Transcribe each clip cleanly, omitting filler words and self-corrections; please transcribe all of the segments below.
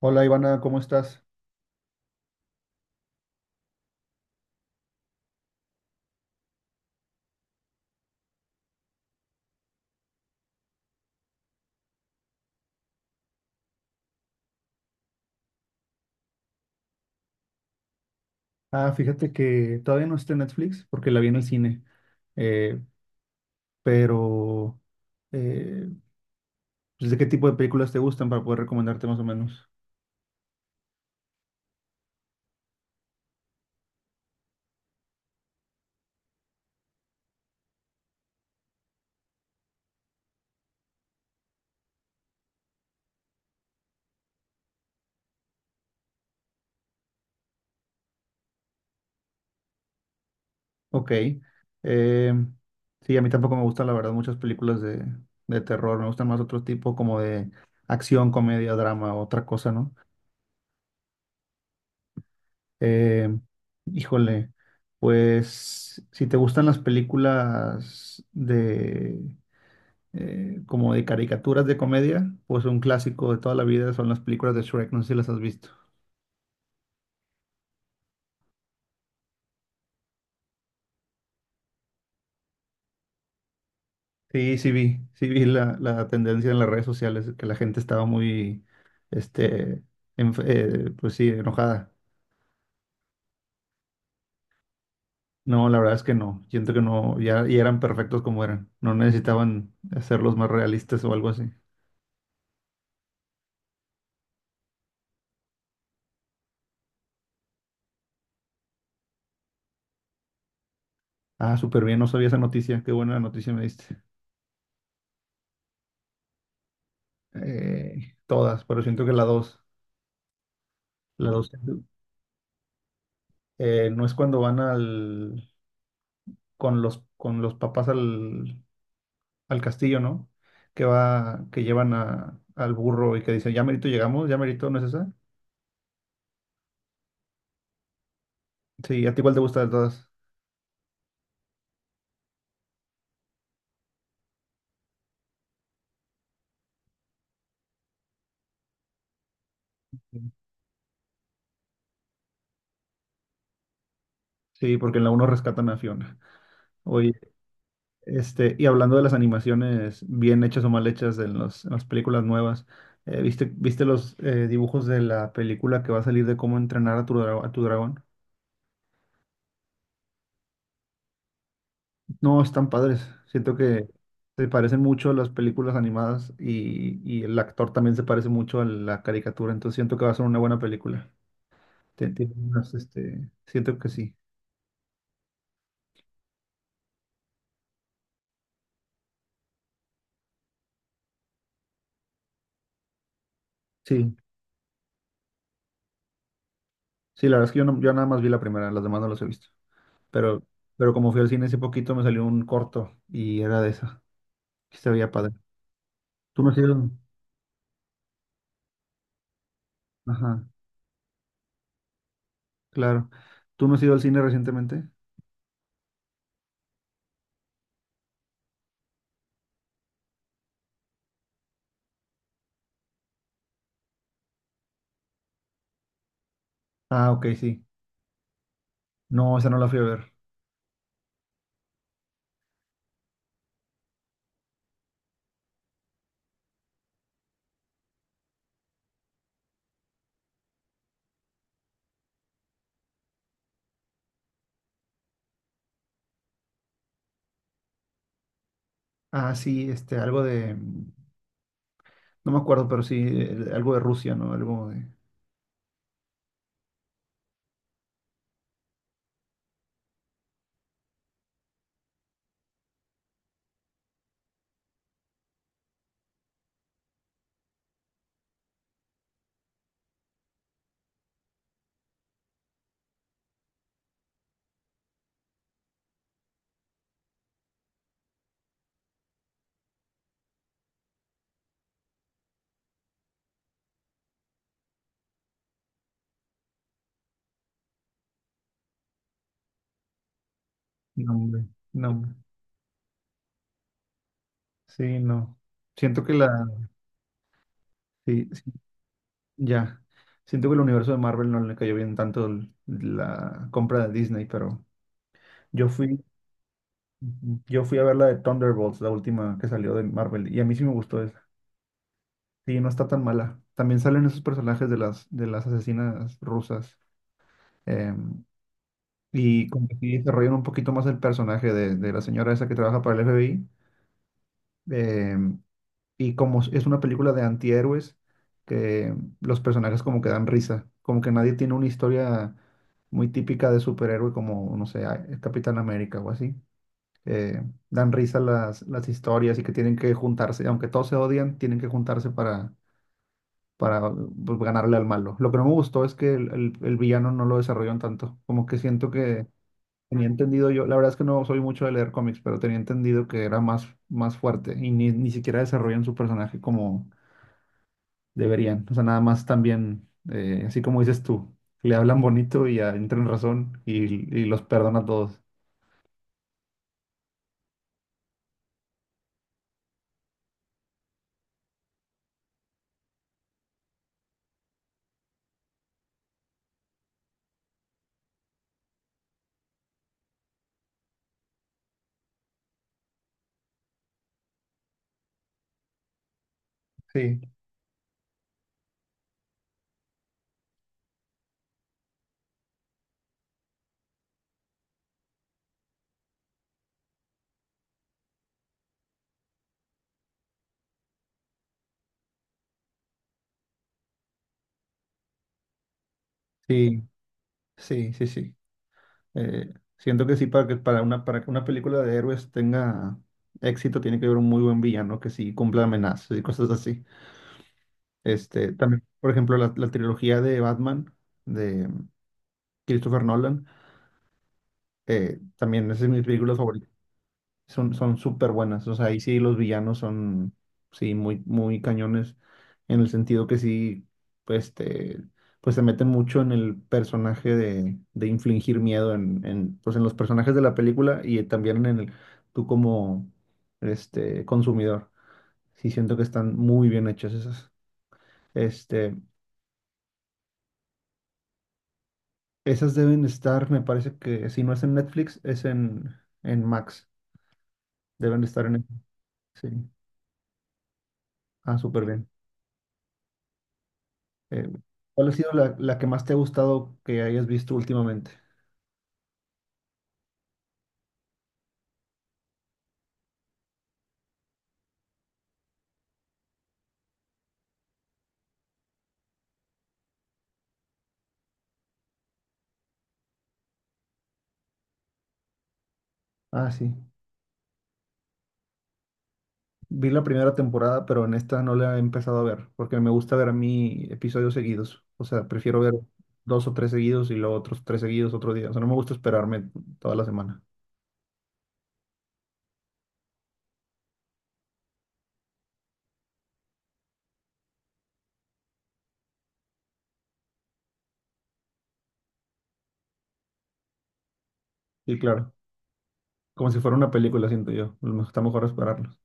Hola, Ivana, ¿cómo estás? Ah, fíjate que todavía no está en Netflix porque la vi en el cine, eh, pero eh, pues, ¿de qué tipo de películas te gustan para poder recomendarte más o menos? Ok, eh, sí, a mí tampoco me gustan, la verdad, muchas películas de terror. Me gustan más otro tipo, como de acción, comedia, drama, otra cosa, ¿no? Eh, híjole, pues si te gustan las películas de como de caricaturas de comedia, pues un clásico de toda la vida son las películas de Shrek, no sé si las has visto. Sí, sí vi la tendencia en las redes sociales, que la gente estaba muy, este, pues sí, enojada. No, la verdad es que no, siento que no. Ya, ya eran perfectos como eran, no necesitaban hacerlos más realistas o algo así. Ah, súper bien, no sabía esa noticia, qué buena noticia me diste. Todas, pero siento que la dos, no, es cuando van con los papás al castillo, ¿no? Que va, que llevan a, al burro y que dicen, ya merito llegamos, ya merito, ¿no es esa? Sí, a ti igual te gusta de todas. Sí, porque en la uno rescatan a Fiona. Oye, y hablando de las animaciones bien hechas o mal hechas de los, en las películas nuevas, ¿viste, viste los dibujos de la película que va a salir de cómo entrenar a tu, a tu dragón? No, están padres. Siento que se parecen mucho a las películas animadas y el actor también se parece mucho a la caricatura. Entonces siento que va a ser una buena película. Tiene unas, este, siento que sí. Sí, sí, la verdad es que yo, yo nada más vi la primera, las demás no las he visto. Pero, pero como fui al cine hace poquito me salió un corto y era de esa. Y se veía padre. ¿Tú no has ido? Ajá, claro. ¿Tú no has ido al cine recientemente? Ah, ok, sí. No, esa no la fui a ver. Ah, sí, este, algo de... No me acuerdo, pero sí, algo de Rusia, ¿no? Algo de nombre, nombre. Sí, no. Siento que la, sí, sí, ya. Siento que el universo de Marvel no le cayó bien tanto la compra de Disney, pero yo fui, yo fui a ver la de Thunderbolts, la última que salió de Marvel, y a mí sí me gustó esa. Sí, no está tan mala. También salen esos personajes de las asesinas rusas. em, y como que sí desarrollan un poquito más el personaje de la señora esa que trabaja para el FBI. em, Y como es una película de antihéroes, que los personajes como que dan risa, como que nadie tiene una historia muy típica de superhéroe como, no sé, el Capitán América o así. Eh, dan risa las historias, y que tienen que juntarse, aunque todos se odian, tienen que juntarse para pues, ganarle al malo. Lo que no me gustó es que el villano no lo desarrollan tanto, como que siento que tenía entendido yo, la verdad es que no soy mucho de leer cómics, pero tenía entendido que era más, más fuerte, y ni, ni siquiera desarrollan su personaje como deberían. O sea, nada más también, así como dices tú, le hablan bonito y ah, entran en razón y los perdona a todos. Sí, sí, sí, sí, sí. Eh, siento que sí, para que para una, para que una película de héroes tenga éxito, tiene que haber un muy buen villano que sí cumpla amenazas y cosas así. Este, también, por ejemplo, la trilogía de Batman de Christopher Nolan, también esa es mi película favorita. Son, son súper buenas. O sea, ahí sí los villanos son, sí, muy, muy cañones, en el sentido que sí, pues, te, pues se meten mucho en el personaje de infligir miedo en, pues, en los personajes de la película y también en el, tú como, este, consumidor. Sí, siento que están muy bien hechas esas. Este, esas deben estar, me parece que si no es en Netflix, es en Max. Deben de estar en... Sí. Ah, súper bien. Eh, ¿Cuál ha sido la, la que más te ha gustado que hayas visto últimamente? Ah, sí. Vi la primera temporada, pero en esta no la he empezado a ver, porque me gusta ver, a mí, episodios seguidos. O sea, prefiero ver dos o tres seguidos y luego otros tres seguidos otro día. O sea, no me gusta esperarme toda la semana. Sí, claro. Como si fuera una película, siento yo. Está mejor esperarlos.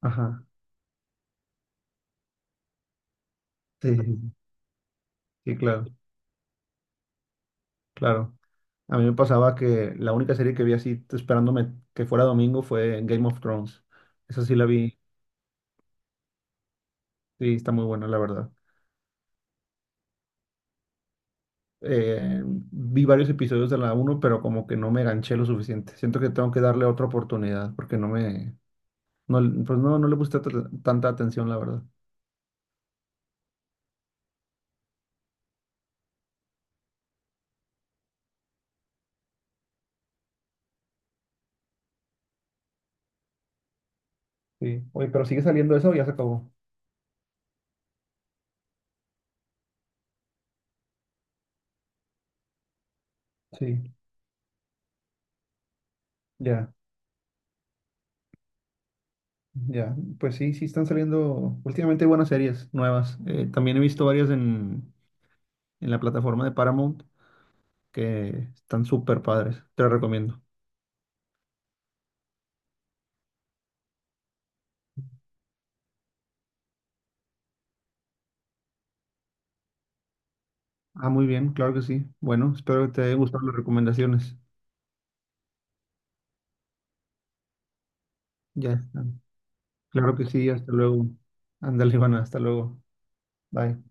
Ajá. Sí, sí, sí, sí, claro, claro. A mí me pasaba que la única serie que vi así esperándome que fuera domingo fue Game of Thrones. Esa sí la vi. Sí, está muy buena, la verdad. Vi varios episodios de la uno, pero como que no me ganché lo suficiente. Siento que tengo que darle otra oportunidad porque no me, no, pues no, no le puse tanta atención, la verdad. Sí. Oye, pero sigue saliendo eso o ya se acabó. Sí, ya, ya. Pues sí, sí están saliendo últimamente buenas series nuevas. También he visto varias en la plataforma de Paramount, que están súper padres. Te las recomiendo. Ah, muy bien, claro que sí. Bueno, espero que te hayan gustado las recomendaciones. Ya. está Claro que sí, hasta luego. Ándale, Ivana, hasta luego. Bye.